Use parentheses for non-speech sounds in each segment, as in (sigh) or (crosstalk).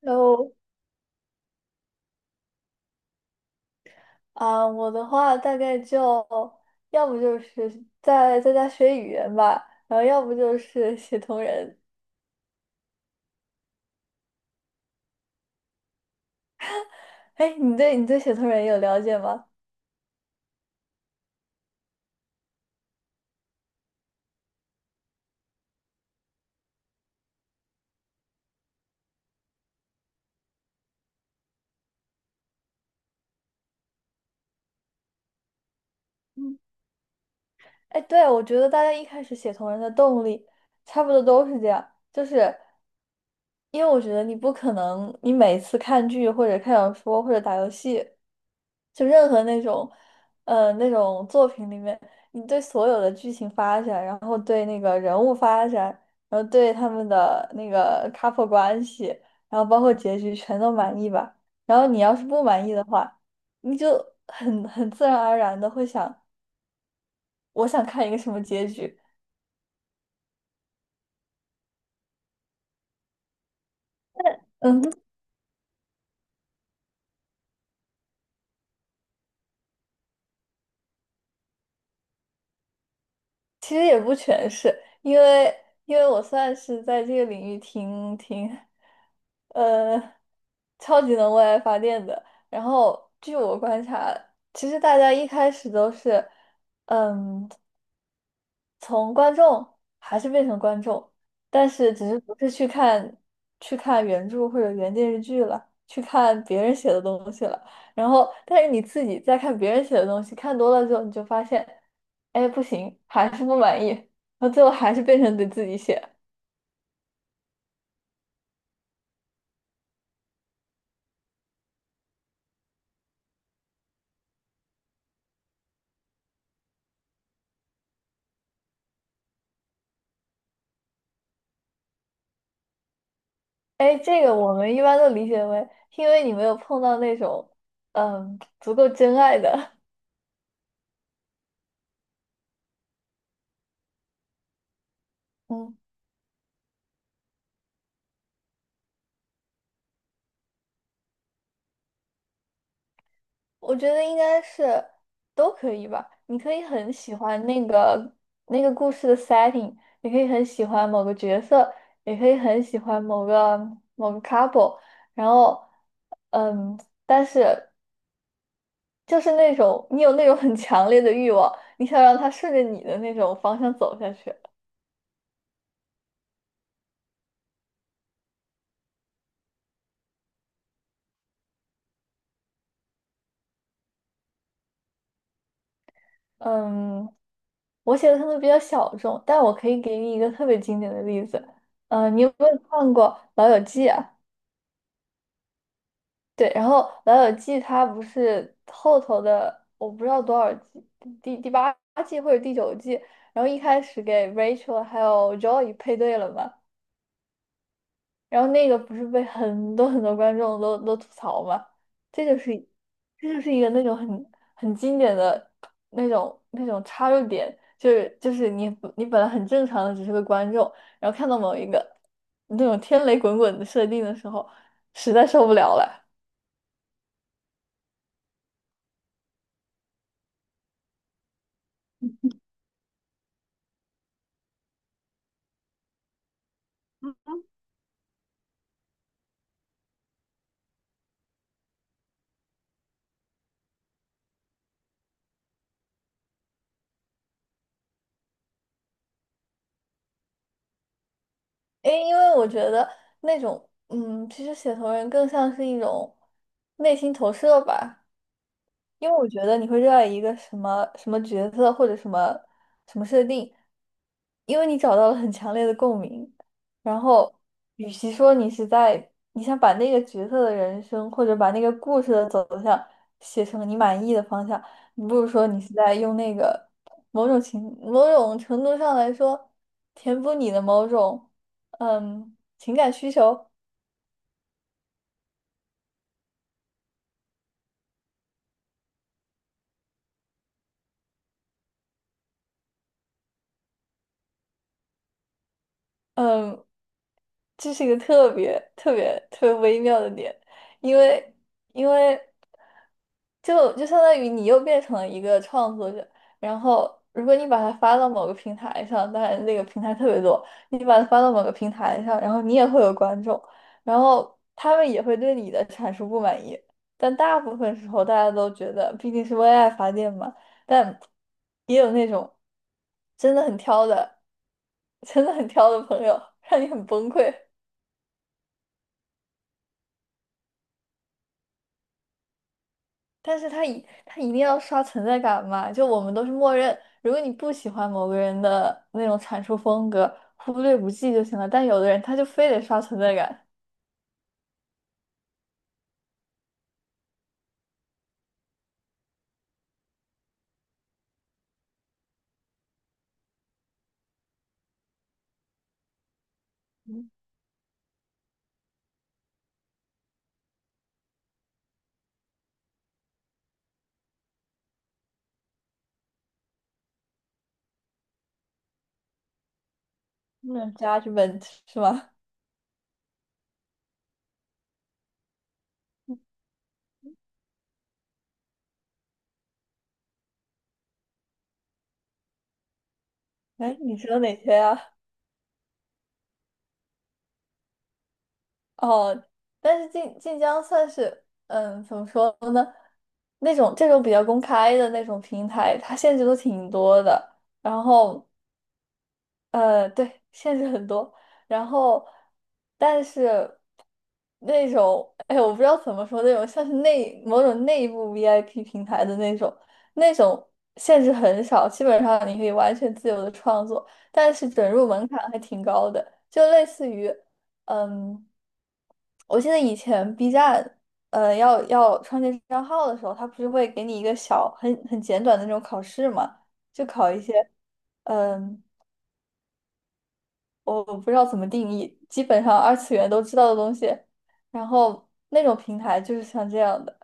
然后我的话大概就要不就是在家学语言吧，然后要不就是写同人。哎，你对写同人有了解吗？嗯，哎，对，我觉得大家一开始写同人的动力差不多都是这样，就是。因为我觉得你不可能，你每次看剧或者看小说或者打游戏，就任何那种，那种作品里面，你对所有的剧情发展，然后对那个人物发展，然后对他们的那个 couple (laughs) 关系，然后包括结局全都满意吧。然后你要是不满意的话，你就很自然而然的会想，我想看一个什么结局。嗯，其实也不全是，因为我算是在这个领域挺，呃，超级能为爱发电的。然后据我观察，其实大家一开始都是，嗯。从观众还是变成观众，但是只是不是去看原著或者原电视剧了，去看别人写的东西了。然后，但是你自己在看别人写的东西，看多了之后，你就发现，哎，不行，还是不满意，然后最后还是变成得自己写。哎，这个我们一般都理解为，因为你没有碰到那种，嗯，足够真爱的，(laughs) 嗯。我觉得应该是都可以吧。你可以很喜欢那个故事的 setting,你可以很喜欢某个角色，也可以很喜欢某个 couple。然后，嗯，但是就是那种你有那种很强烈的欲望，你想让它顺着你的那种方向走下去。嗯，我写的可能比较小众，但我可以给你一个特别经典的例子。嗯，你有没有看过《老友记》啊？对，然后《老友记》它不是后头的，我不知道多少季，第八季或者第九季，然后一开始给 Rachel 还有 Joey 配对了嘛，然后那个不是被很多很多观众都吐槽嘛，这就是这就是一个那种很经典的那种插入点，就是你本来很正常的只是个观众，然后看到某一个那种天雷滚滚的设定的时候，实在受不了了。哎，因为我觉得那种，嗯，其实写同人更像是一种内心投射吧。因为我觉得你会热爱一个什么什么角色或者什么什么设定，因为你找到了很强烈的共鸣。然后，与其说你是在你想把那个角色的人生或者把那个故事的走向写成你满意的方向，你不如说你是在用那个某种程度上来说填补你的某种情感需求。嗯，这是一个特别特别特别微妙的点，因为因为就相当于你又变成了一个创作者，然后如果你把它发到某个平台上，当然那个平台特别多，你把它发到某个平台上，然后你也会有观众，然后他们也会对你的阐述不满意，但大部分时候大家都觉得毕竟是为爱发电嘛，但也有那种真的很挑的，真的很挑的朋友，让你很崩溃。但是他一定要刷存在感嘛，就我们都是默认，如果你不喜欢某个人的那种阐述风格，忽略不计就行了。但有的人他就非得刷存在感，嗯，那 adjustment 是吗？(laughs) 哎，你知道哪些啊？哦，但是晋江算是，嗯，怎么说呢？那种这种比较公开的那种平台，它限制都挺多的。然后对，限制很多。然后，但是那种，哎，我不知道怎么说，那种像是某种内部 VIP 平台的那种，那种限制很少，基本上你可以完全自由的创作，但是准入门槛还挺高的，就类似于，嗯，我记得以前 B 站，呃，要创建账号的时候，它不是会给你一个小很简短的那种考试嘛，就考一些。嗯，我不知道怎么定义，基本上二次元都知道的东西，然后那种平台就是像这样的，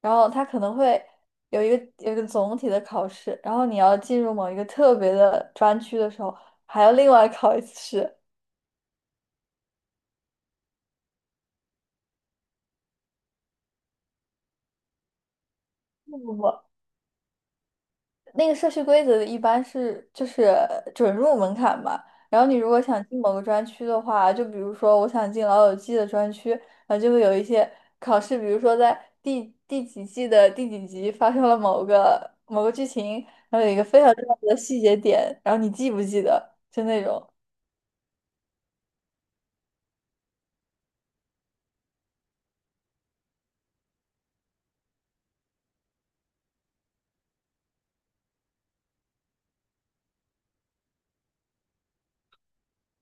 然后它可能会有一个总体的考试，然后你要进入某一个特别的专区的时候，还要另外考一次试。不不不。那个社区规则一般是就是准入门槛嘛，然后你如果想进某个专区的话，就比如说我想进老友记的专区，然后就会有一些考试，比如说在第几季的第几集发生了某个剧情，然后有一个非常重要的细节点，然后你记不记得，就那种。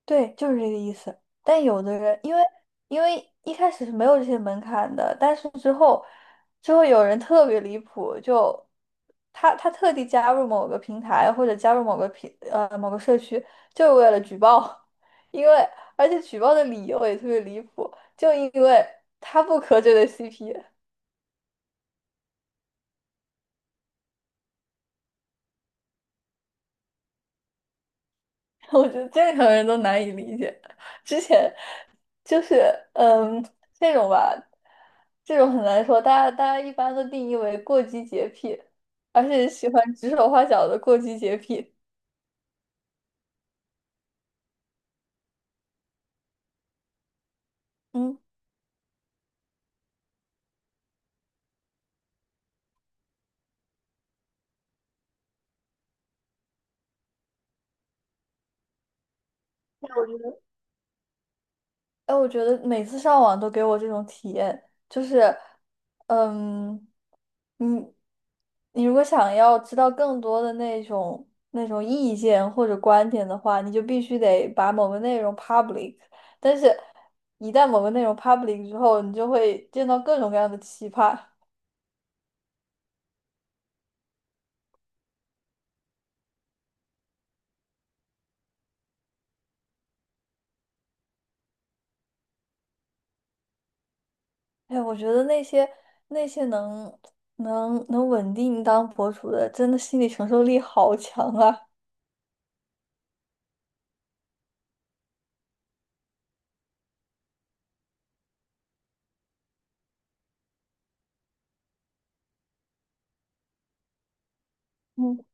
对，就是这个意思。但有的人，因为一开始是没有这些门槛的，但是之后有人特别离谱，就他特地加入某个平台或者加入某个某个社区，就是为了举报，(laughs) 因为而且举报的理由也特别离谱，就因为他不磕这对 CP,(laughs) 我觉得正常人都难以理解。之前就是，嗯，这种吧，这种很难说。大家一般都定义为过激洁癖，而且喜欢指手画脚的过激洁癖。嗯。哎，我觉得每次上网都给我这种体验，就是，嗯，你你如果想要知道更多的那种意见或者观点的话，你就必须得把某个内容 public。但是，一旦某个内容 public 之后，你就会见到各种各样的奇葩。哎，我觉得那些能稳定当博主的，真的心理承受力好强啊！嗯。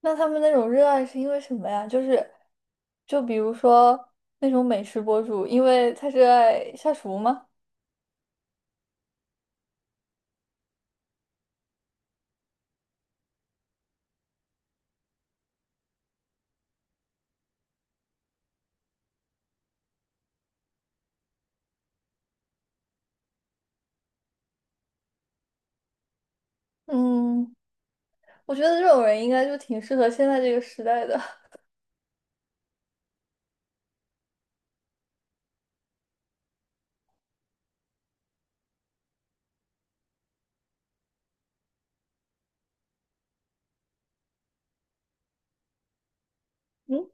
那他们那种热爱是因为什么呀？就是，就比如说那种美食博主，因为他热爱下厨吗？嗯，我觉得这种人应该就挺适合现在这个时代的。(laughs) 嗯，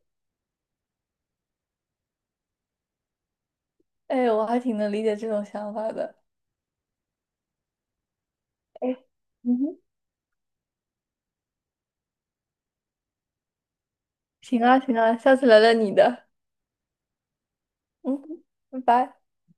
哎，我还挺能理解这种想法的。哎，嗯哼，行啊，行啊，下次聊聊你的。嗯哼，拜拜。